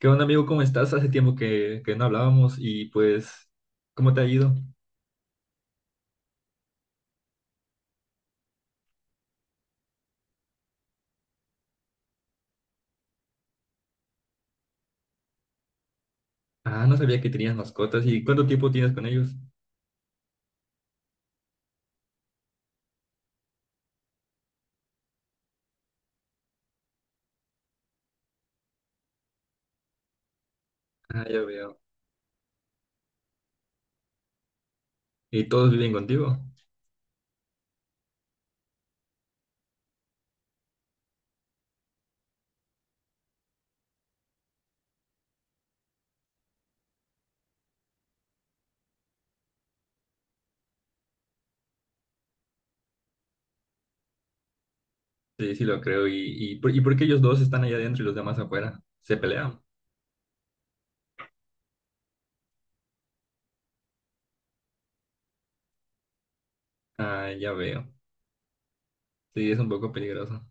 ¿Qué onda, amigo? ¿Cómo estás? Hace tiempo que no hablábamos y pues, ¿cómo te ha ido? Ah, no sabía que tenías mascotas. ¿Y cuánto tiempo tienes con ellos? Ah, ya veo. ¿Y todos viven contigo? Sí, sí lo creo. ¿Y por qué ellos dos están allá adentro y los demás afuera? ¿Se pelean? Ah, ya veo. Sí, es un poco peligroso.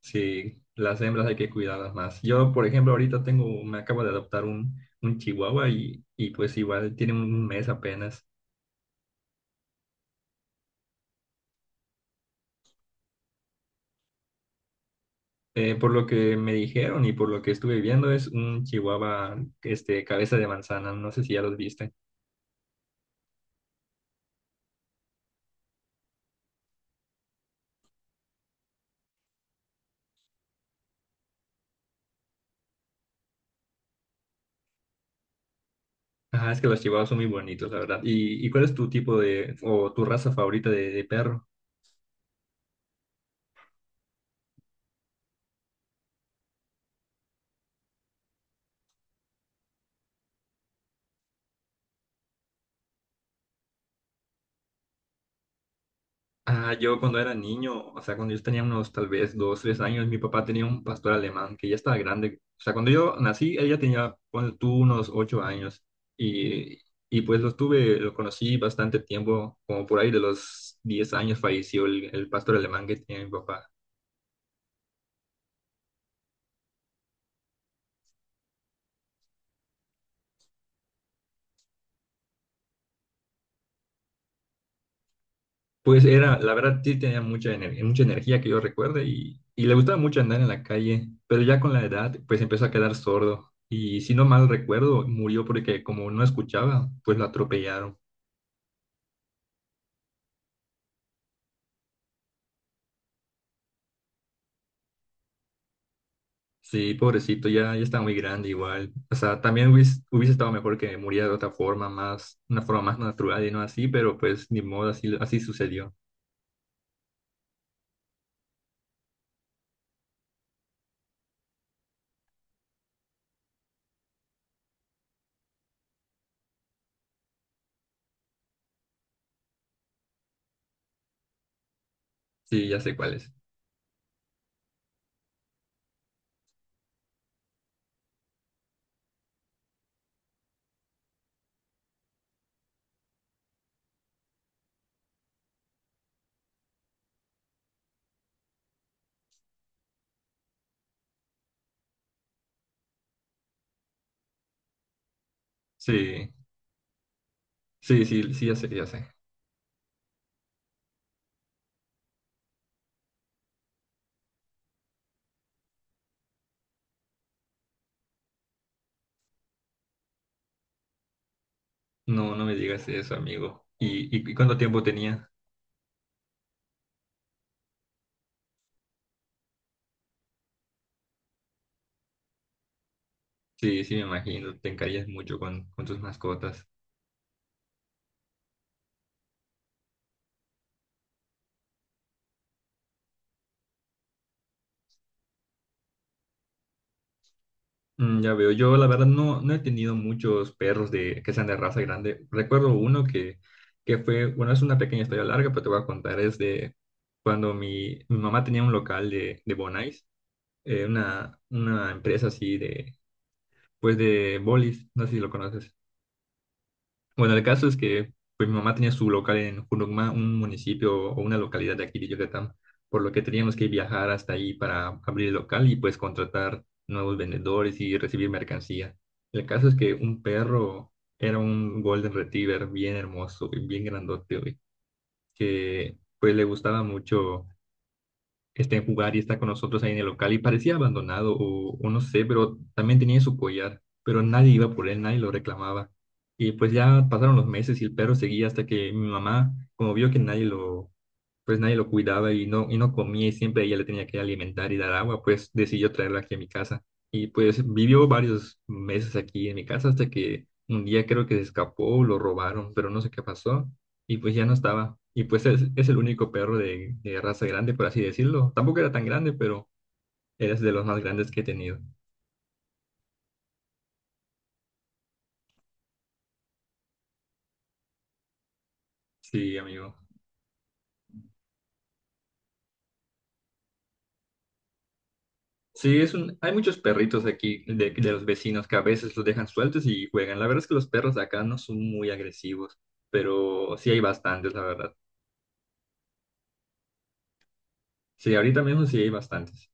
Sí, las hembras hay que cuidarlas más. Yo, por ejemplo, me acabo de adoptar un chihuahua y pues igual tiene un mes apenas. Por lo que me dijeron y por lo que estuve viendo, es un chihuahua, este, cabeza de manzana. No sé si ya los viste. Ajá, es que los chihuahuas son muy bonitos, la verdad. ¿Y cuál es tu o tu raza favorita de perro? Ah, yo cuando era niño, o sea, cuando yo tenía unos tal vez dos, tres años, mi papá tenía un pastor alemán que ya estaba grande. O sea, cuando yo nací, ella tenía, ponle tú, unos 8 años. Y, y pues lo tuve, lo conocí bastante tiempo, como por ahí de los 10 años falleció el pastor alemán que tenía mi papá. Pues era, la verdad, sí tenía mucha energía que yo recuerde y le gustaba mucho andar en la calle, pero ya con la edad, pues empezó a quedar sordo y si no mal recuerdo, murió porque como no escuchaba, pues lo atropellaron. Sí, pobrecito, ya, ya está muy grande igual. O sea, también hubiese estado mejor que muriera de otra forma, una forma más natural y no así, pero pues ni modo, así, así sucedió. Sí, ya sé cuál es. Sí, sí, sí, sí, ya sé, ya sé. No, no me digas eso, amigo. ¿Y cuánto tiempo tenía? Sí, sí, me imagino, te encariñas mucho con tus mascotas. Ya veo, yo la verdad no he tenido muchos perros que sean de raza grande. Recuerdo uno que bueno, es una pequeña historia larga, pero te voy a contar, es de cuando mi mamá tenía un local de Bonais, una empresa así pues de bolis, no sé si lo conoces. Bueno, el caso es que pues, mi mamá tenía su local en Junucma, un municipio o una localidad de aquí de Yucatán, por lo que teníamos que viajar hasta ahí para abrir el local y pues contratar nuevos vendedores y recibir mercancía. El caso es que un perro era un Golden Retriever bien hermoso y bien grandote, güey, que pues le gustaba mucho está en jugar y está con nosotros ahí en el local y parecía abandonado o no sé, pero también tenía su collar, pero nadie iba por él, nadie lo reclamaba. Y pues ya pasaron los meses y el perro seguía hasta que mi mamá, como vio que nadie lo, pues nadie lo cuidaba y no comía y siempre ella le tenía que alimentar y dar agua, pues decidió traerlo aquí a mi casa. Y pues vivió varios meses aquí en mi casa hasta que un día creo que se escapó, lo robaron, pero no sé qué pasó y pues ya no estaba. Y pues es el único perro de raza grande, por así decirlo. Tampoco era tan grande, pero eres de los más grandes que he tenido. Sí, amigo. Sí, hay muchos perritos aquí de los vecinos que a veces los dejan sueltos y juegan. La verdad es que los perros de acá no son muy agresivos, pero sí hay bastantes, la verdad. Sí, ahorita mismo sí hay bastantes.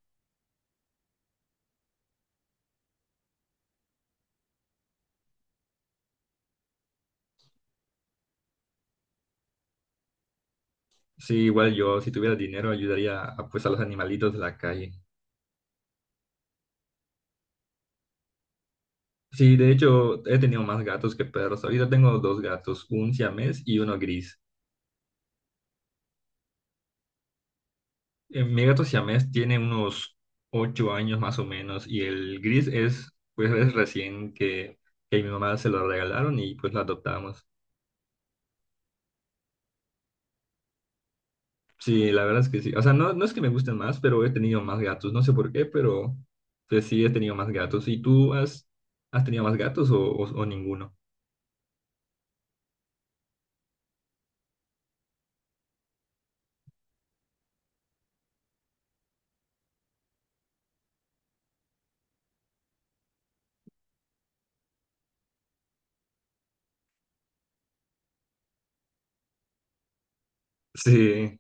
Sí, igual yo, si tuviera dinero, ayudaría pues, a los animalitos de la calle. Sí, de hecho, he tenido más gatos que perros. Ahorita tengo dos gatos, un siamés y uno gris. Mi gato siamés tiene unos 8 años más o menos y el gris pues es recién que mi mamá se lo regalaron y pues lo adoptamos. Sí, la verdad es que sí. O sea, no es que me gusten más, pero he tenido más gatos. No sé por qué, pero pues sí he tenido más gatos. ¿Y tú has tenido más gatos o ninguno? Sí,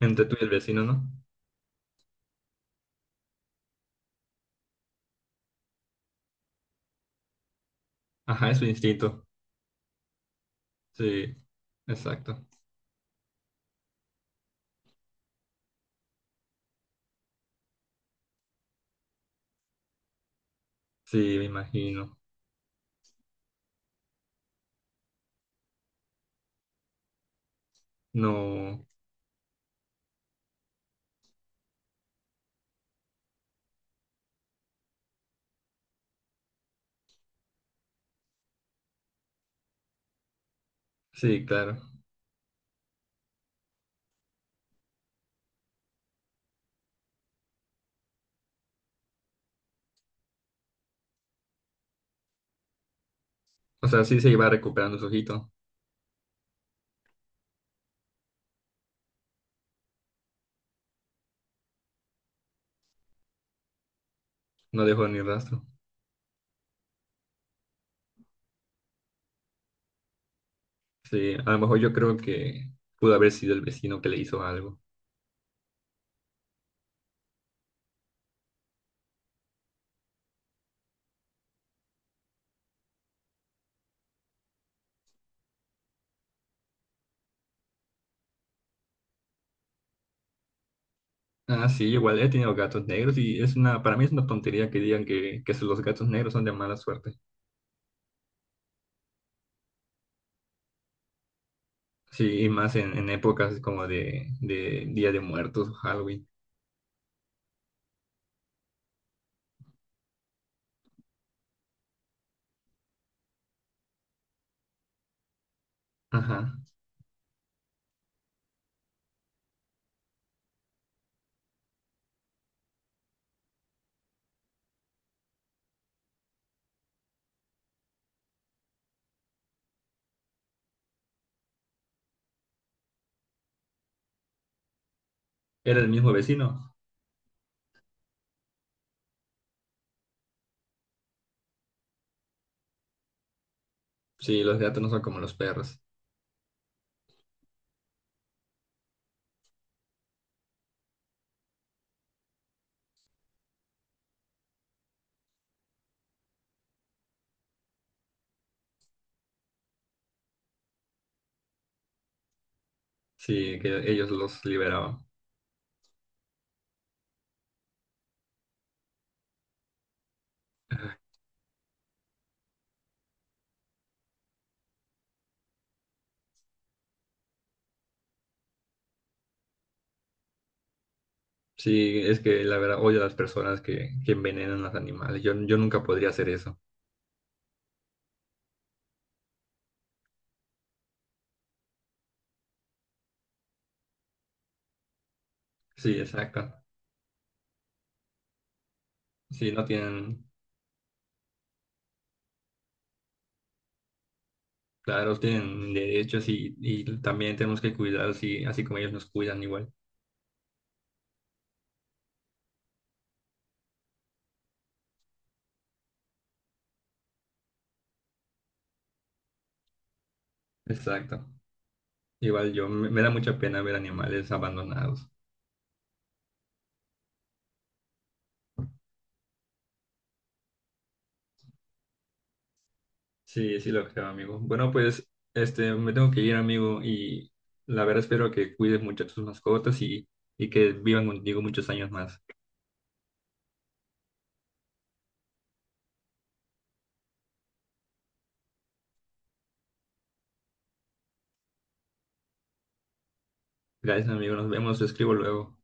entre tú y el vecino, ¿no? Ajá, es su instinto. Sí, exacto. Sí, me imagino. No, sí, claro. O sea, sí se iba recuperando su ojito. No dejó ni rastro. Sí, a lo mejor yo creo que pudo haber sido el vecino que le hizo algo. Ah, sí, igual he tenido gatos negros y para mí es una tontería que digan que los gatos negros son de mala suerte. Sí, y más en épocas como de Día de Muertos o Halloween. Ajá. Era el mismo vecino. Sí, los gatos no son como los perros. Sí, que ellos los liberaban. Sí, es que la verdad odio a las personas que envenenan a los animales. Yo nunca podría hacer eso. Sí, exacto. Sí, no tienen. Claro, tienen derechos y también tenemos que cuidarlos así, así como ellos nos cuidan igual. Exacto. Igual yo, me da mucha pena ver animales abandonados. Sí, sí lo creo, amigo. Bueno, pues, este, me tengo que ir, amigo, y la verdad espero que cuides mucho a tus mascotas y que vivan contigo muchos años más. Gracias, amigo. Nos vemos. Te escribo luego.